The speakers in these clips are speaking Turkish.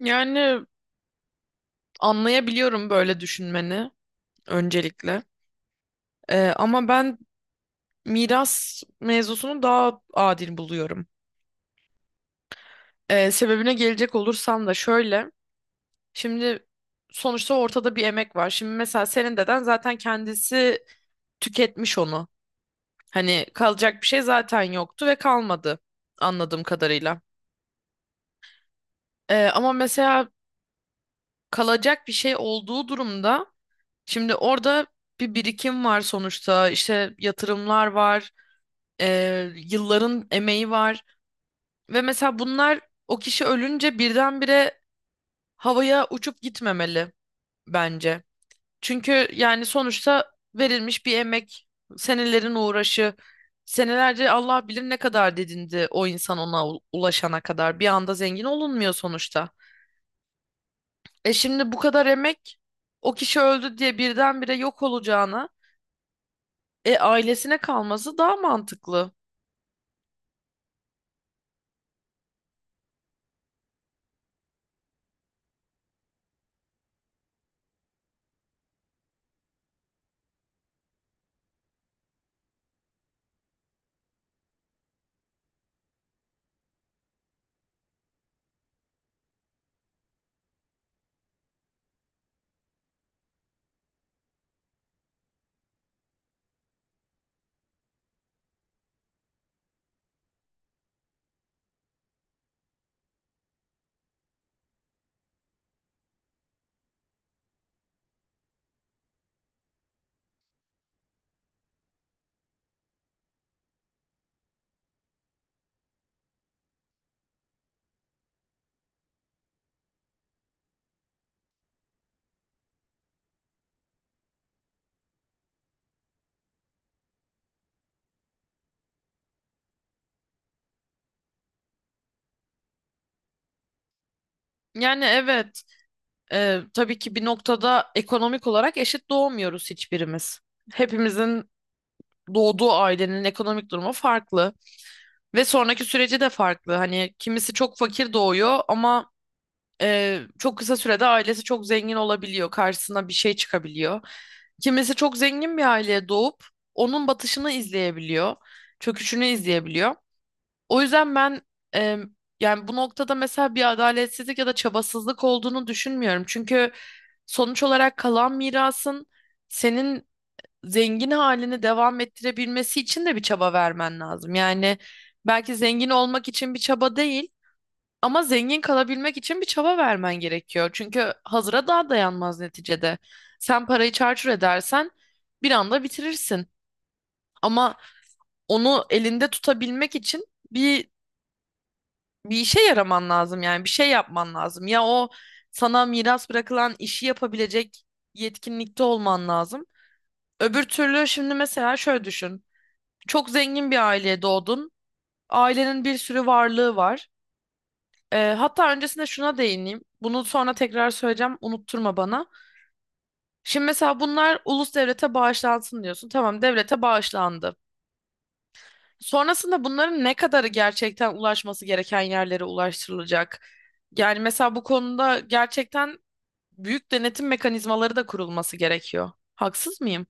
Yani anlayabiliyorum böyle düşünmeni öncelikle. Ama ben miras mevzusunu daha adil buluyorum. Sebebine gelecek olursam da şöyle. Şimdi sonuçta ortada bir emek var. Şimdi mesela senin deden zaten kendisi tüketmiş onu. Hani kalacak bir şey zaten yoktu ve kalmadı anladığım kadarıyla. Ama mesela kalacak bir şey olduğu durumda şimdi orada bir birikim var sonuçta. İşte yatırımlar var, yılların emeği var ve mesela bunlar o kişi ölünce birdenbire havaya uçup gitmemeli bence. Çünkü yani sonuçta verilmiş bir emek, senelerin uğraşı, senelerce Allah bilir ne kadar dedindi o insan ona ulaşana kadar. Bir anda zengin olunmuyor sonuçta. E şimdi bu kadar emek o kişi öldü diye birdenbire yok olacağına e ailesine kalması daha mantıklı. Yani evet. Tabii ki bir noktada ekonomik olarak eşit doğmuyoruz hiçbirimiz. Hepimizin doğduğu ailenin ekonomik durumu farklı ve sonraki süreci de farklı. Hani kimisi çok fakir doğuyor ama çok kısa sürede ailesi çok zengin olabiliyor, karşısına bir şey çıkabiliyor. Kimisi çok zengin bir aileye doğup onun batışını izleyebiliyor, çöküşünü izleyebiliyor. O yüzden ben, e, yani bu noktada mesela bir adaletsizlik ya da çabasızlık olduğunu düşünmüyorum. Çünkü sonuç olarak kalan mirasın senin zengin halini devam ettirebilmesi için de bir çaba vermen lazım. Yani belki zengin olmak için bir çaba değil ama zengin kalabilmek için bir çaba vermen gerekiyor. Çünkü hazıra daha dayanmaz neticede. Sen parayı çarçur edersen bir anda bitirirsin. Ama onu elinde tutabilmek için bir bir işe yaraman lazım, yani bir şey yapman lazım. Ya o sana miras bırakılan işi yapabilecek yetkinlikte olman lazım. Öbür türlü şimdi mesela şöyle düşün. Çok zengin bir aileye doğdun. Ailenin bir sürü varlığı var. Hatta öncesinde şuna değineyim. Bunu sonra tekrar söyleyeceğim. Unutturma bana. Şimdi mesela bunlar ulus devlete bağışlansın diyorsun. Tamam, devlete bağışlandı. Sonrasında bunların ne kadarı gerçekten ulaşması gereken yerlere ulaştırılacak? Yani mesela bu konuda gerçekten büyük denetim mekanizmaları da kurulması gerekiyor. Haksız mıyım?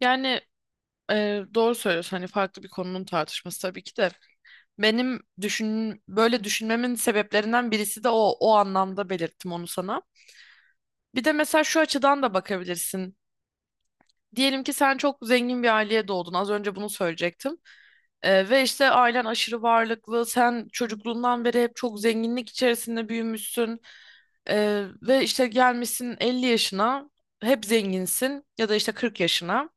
Yani, doğru söylüyorsun. Hani farklı bir konunun tartışması tabii ki de. Benim düşün böyle düşünmemin sebeplerinden birisi de o anlamda belirttim onu sana. Bir de mesela şu açıdan da bakabilirsin. Diyelim ki sen çok zengin bir aileye doğdun. Az önce bunu söyleyecektim. Ve işte ailen aşırı varlıklı. Sen çocukluğundan beri hep çok zenginlik içerisinde büyümüşsün. Ve işte gelmişsin 50 yaşına, hep zenginsin ya da işte 40 yaşına.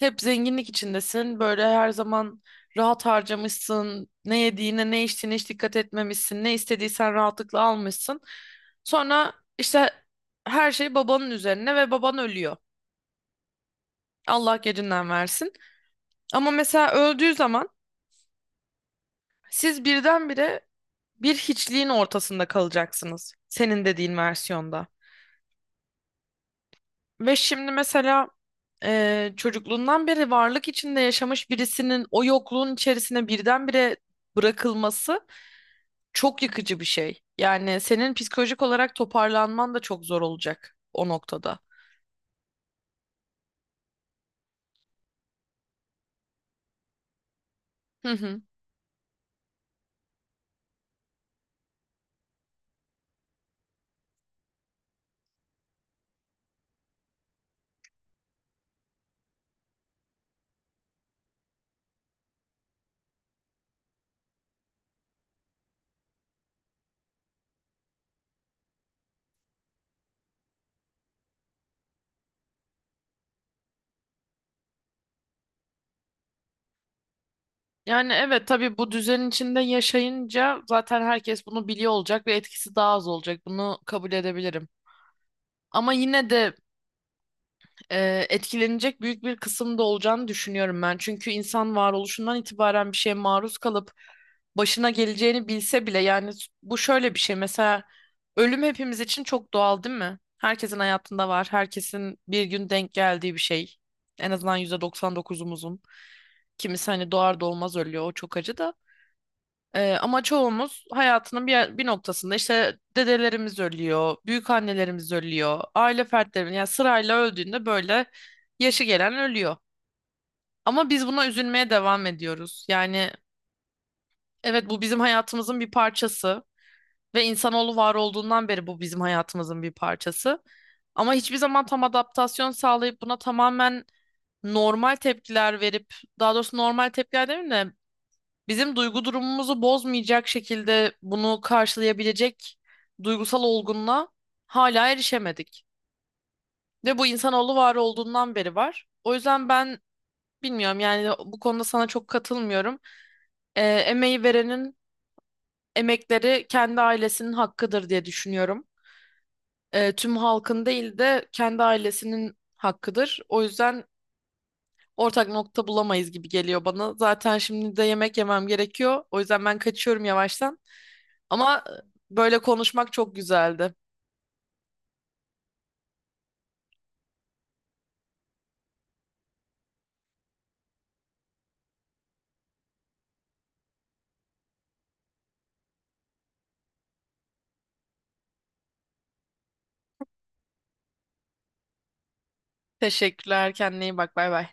Hep zenginlik içindesin. Böyle her zaman rahat harcamışsın. Ne yediğine, ne içtiğine hiç dikkat etmemişsin. Ne istediysen rahatlıkla almışsın. Sonra işte her şey babanın üzerine ve baban ölüyor. Allah gecinden versin. Ama mesela öldüğü zaman siz birdenbire bir hiçliğin ortasında kalacaksınız. Senin dediğin versiyonda. Ve şimdi mesela çocukluğundan beri varlık içinde yaşamış birisinin o yokluğun içerisine birdenbire bırakılması çok yıkıcı bir şey. Yani senin psikolojik olarak toparlanman da çok zor olacak o noktada. Hı hı. Yani evet, tabii bu düzenin içinde yaşayınca zaten herkes bunu biliyor olacak ve etkisi daha az olacak. Bunu kabul edebilirim. Ama yine de, etkilenecek büyük bir kısım da olacağını düşünüyorum ben. Çünkü insan varoluşundan itibaren bir şeye maruz kalıp başına geleceğini bilse bile, yani bu şöyle bir şey mesela, ölüm hepimiz için çok doğal değil mi? Herkesin hayatında var. Herkesin bir gün denk geldiği bir şey. En azından %99'umuzun. Kimisi hani doğar doğmaz ölüyor. O çok acı da. Ama çoğumuz hayatının bir noktasında işte dedelerimiz ölüyor, büyük annelerimiz ölüyor, aile fertlerimiz yani sırayla öldüğünde böyle yaşı gelen ölüyor. Ama biz buna üzülmeye devam ediyoruz. Yani evet, bu bizim hayatımızın bir parçası ve insanoğlu var olduğundan beri bu bizim hayatımızın bir parçası. Ama hiçbir zaman tam adaptasyon sağlayıp buna tamamen normal tepkiler verip, daha doğrusu normal tepkiler demeyeyim de, bizim duygu durumumuzu bozmayacak şekilde bunu karşılayabilecek duygusal olgunluğa hala erişemedik. Ve bu insanoğlu var olduğundan beri var. O yüzden ben bilmiyorum, yani bu konuda sana çok katılmıyorum. Emeği verenin emekleri kendi ailesinin hakkıdır diye düşünüyorum. Tüm halkın değil de kendi ailesinin hakkıdır. O yüzden ortak nokta bulamayız gibi geliyor bana. Zaten şimdi de yemek yemem gerekiyor. O yüzden ben kaçıyorum yavaştan. Ama böyle konuşmak çok güzeldi. Teşekkürler. Kendine iyi bak. Bay bay.